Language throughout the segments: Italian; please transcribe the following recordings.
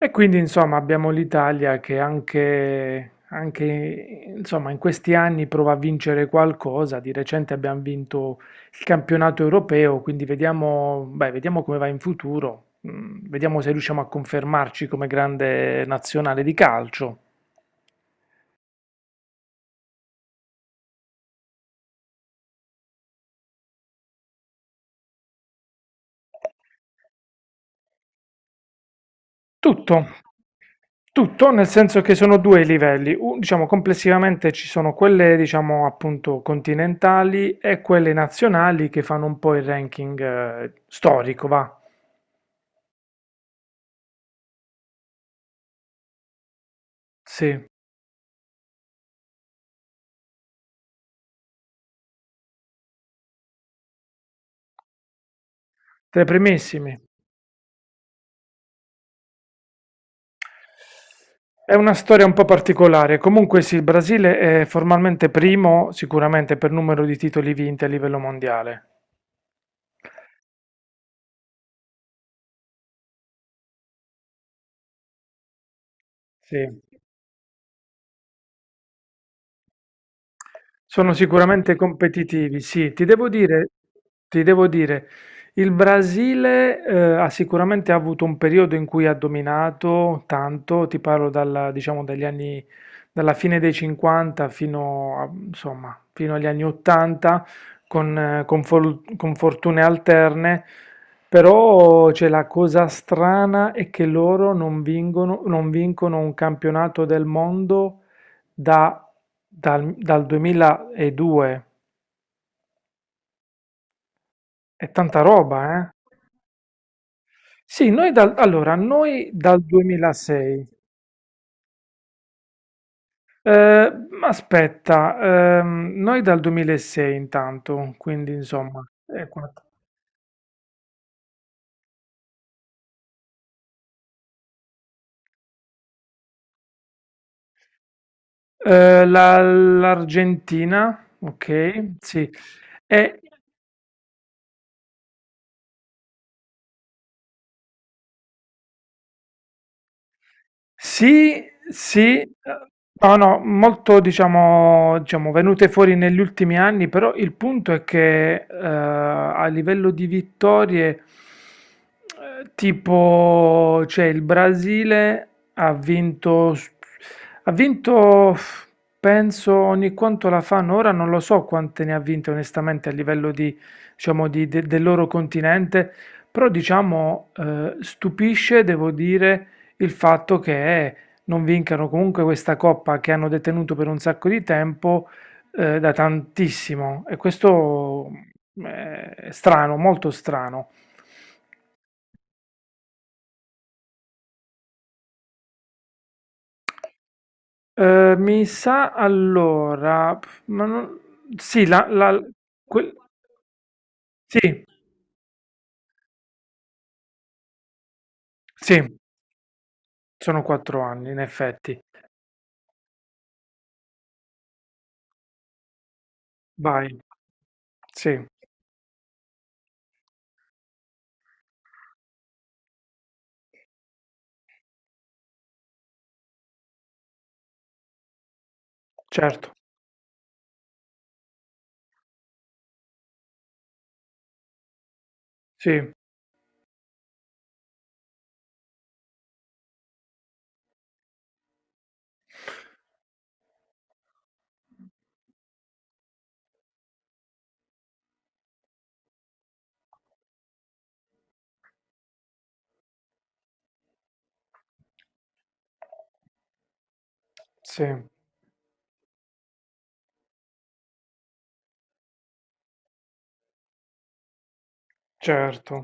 E quindi insomma abbiamo l'Italia che anche, insomma, in questi anni prova a vincere qualcosa. Di recente abbiamo vinto il campionato europeo, quindi vediamo, beh, vediamo come va in futuro. Mm, vediamo se riusciamo a confermarci come grande nazionale di calcio. Tutto, tutto, nel senso che sono due i livelli. Diciamo complessivamente ci sono quelle diciamo appunto continentali e quelle nazionali che fanno un po' il ranking storico, va. Sì, tra i primissimi. È una storia un po' particolare. Comunque sì, il Brasile è formalmente primo, sicuramente per numero di titoli vinti a livello mondiale. Sì. Sono sicuramente competitivi, sì. Ti devo dire, il Brasile ha sicuramente avuto un periodo in cui ha dominato tanto. Diciamo, dalla fine dei anni '50 insomma, fino agli anni '80, con fortune alterne. Però c'è, la cosa strana è che loro non vincono, non vincono un campionato del mondo da dal dal 2002. È tanta roba, eh. Sì, noi dal allora, noi dal 2006. Aspetta, noi dal 2006 intanto, quindi insomma, l'Argentina, ok, sì. E sì, sì, no, no, molto diciamo, diciamo venute fuori negli ultimi anni. Però il punto è che a livello di vittorie, tipo, cioè il Brasile ha vinto, ha vinto, penso, ogni quanto la fanno, ora non lo so quante ne ha vinte onestamente a livello di, diciamo, del loro continente. Però diciamo, stupisce, devo dire il fatto che non vincano comunque questa coppa che hanno detenuto per un sacco di tempo da tantissimo, e questo è strano, molto strano. Mi sa allora, pff, sì, quel- sì, sì, sono quattro anni in effetti. Vai, sì, certo, sì, sì, certo,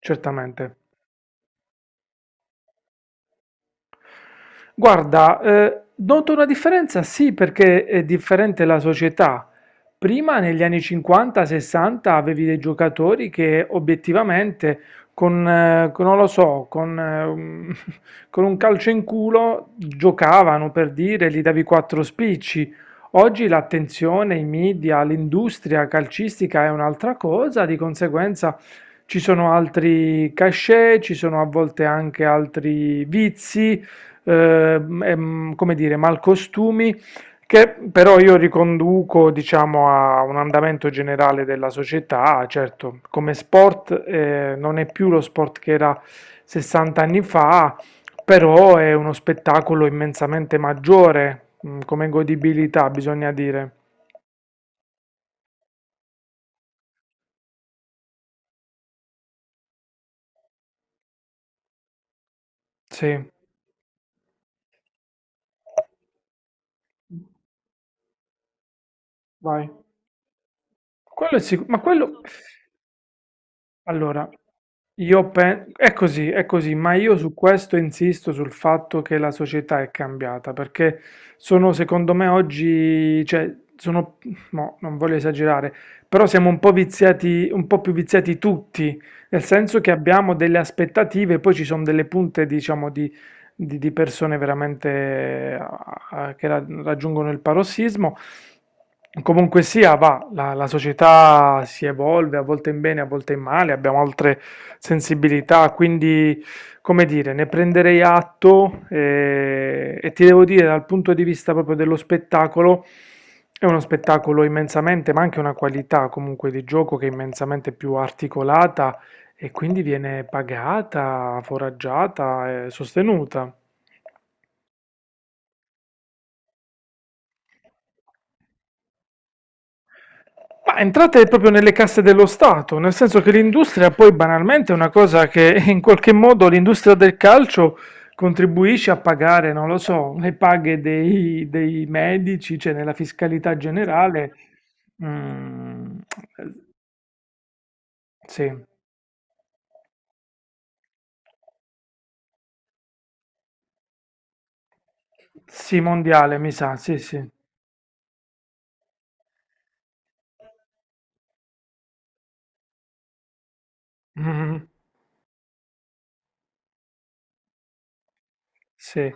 certamente. Guarda, noto una differenza, sì, perché è differente la società. Prima, negli anni '50-'60, avevi dei giocatori che obiettivamente, non lo so, un con un calcio in culo giocavano, per dire, gli davi quattro spicci. Oggi l'attenzione, i media, l'industria calcistica è un'altra cosa. Di conseguenza ci sono altri cachet, ci sono a volte anche altri vizi, come dire, malcostumi, che però io riconduco, diciamo, a un andamento generale della società. Certo, come sport non è più lo sport che era 60 anni fa, però è uno spettacolo immensamente maggiore, mm, come godibilità, bisogna dire. Sì, vai. Quello è sicuro, ma quello... Allora, io penso, è così, ma io su questo insisto sul fatto che la società è cambiata, perché sono, secondo me, oggi, cioè, sono, mo, non voglio esagerare, però siamo un po' viziati, un po' più viziati tutti, nel senso che abbiamo delle aspettative. Poi ci sono delle punte, diciamo, di persone veramente ah, che raggiungono il parossismo. Comunque sia, va, la società si evolve a volte in bene, a volte in male, abbiamo altre sensibilità, quindi, come dire, ne prenderei atto e, ti devo dire, dal punto di vista proprio dello spettacolo, è uno spettacolo immensamente, ma anche una qualità comunque di gioco che è immensamente più articolata, e quindi viene pagata, foraggiata e sostenuta. Ma entrate proprio nelle casse dello Stato, nel senso che l'industria poi banalmente è una cosa che in qualche modo l'industria del calcio contribuisce a pagare, non lo so, le paghe dei, dei medici, cioè nella fiscalità generale. Mm, sì, sì, mondiale, mi sa, sì, sì. Mhm, sì,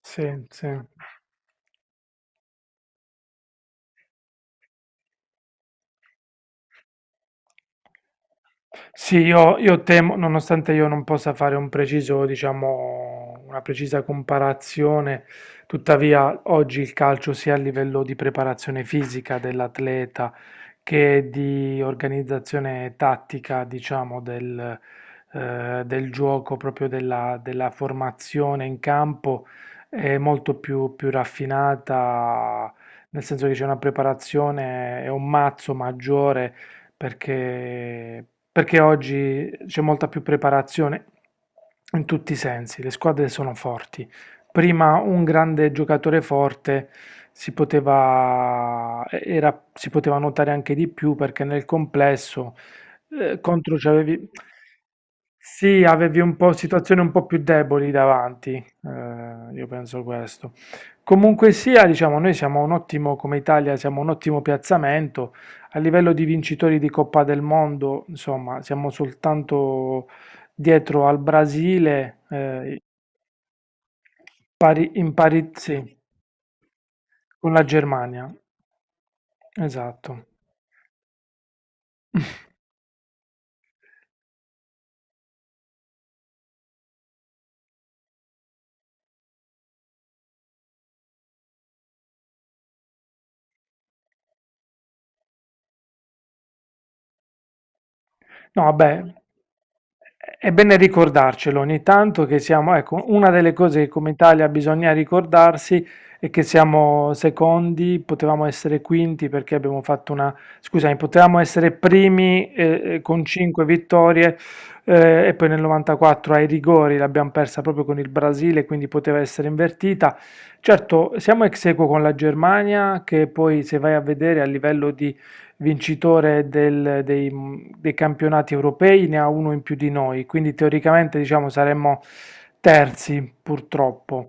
sì, sì. Sì, io temo, nonostante io non possa fare un preciso, diciamo, una precisa comparazione, tuttavia oggi il calcio sia a livello di preparazione fisica dell'atleta che di organizzazione tattica, diciamo, del, del gioco, proprio della, della formazione in campo, è molto più, più raffinata, nel senso che c'è una preparazione e un mazzo maggiore perché, perché oggi c'è molta più preparazione in tutti i sensi, le squadre sono forti. Prima un grande giocatore forte si poteva notare anche di più, perché nel complesso contro c'avevi, sì, avevi un po' situazioni un po' più deboli davanti, io penso questo. Comunque sia, diciamo, noi siamo un ottimo, come Italia, siamo un ottimo piazzamento a livello di vincitori di Coppa del Mondo. Insomma, siamo soltanto dietro al Brasile, in pari, sì, con la Germania. Esatto. No, vabbè, è bene ricordarcelo ogni tanto che siamo, ecco, una delle cose che come Italia bisogna ricordarsi è che siamo secondi. Potevamo essere quinti perché abbiamo fatto una, scusami, potevamo essere primi con 5 vittorie, e poi nel '94 ai rigori l'abbiamo persa proprio con il Brasile, quindi poteva essere invertita. Certo, siamo ex aequo con la Germania che poi, se vai a vedere a livello di vincitore del- dei, dei campionati europei, ne ha uno in più di noi, quindi teoricamente diciamo saremmo terzi, purtroppo.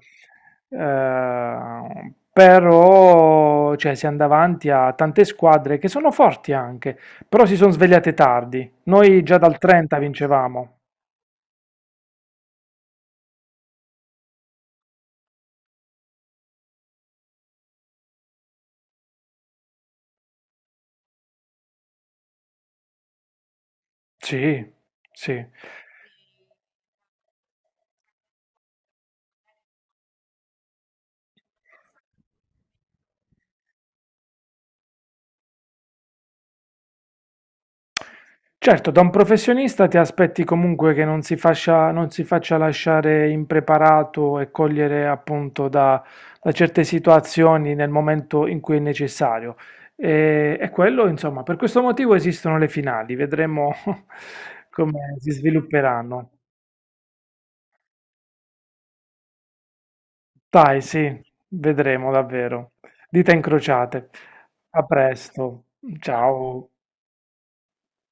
Però cioè, siamo davanti a tante squadre che sono forti anche, però si sono svegliate tardi. Noi già dal '30 vincevamo. Sì, sì. Certo, da un professionista ti aspetti comunque che non si faccia lasciare impreparato e cogliere appunto da, da certe situazioni nel momento in cui è necessario. E quello, insomma, per questo motivo esistono le finali, vedremo come si svilupperanno. Dai, sì, vedremo davvero. Dita incrociate. A presto, ciao.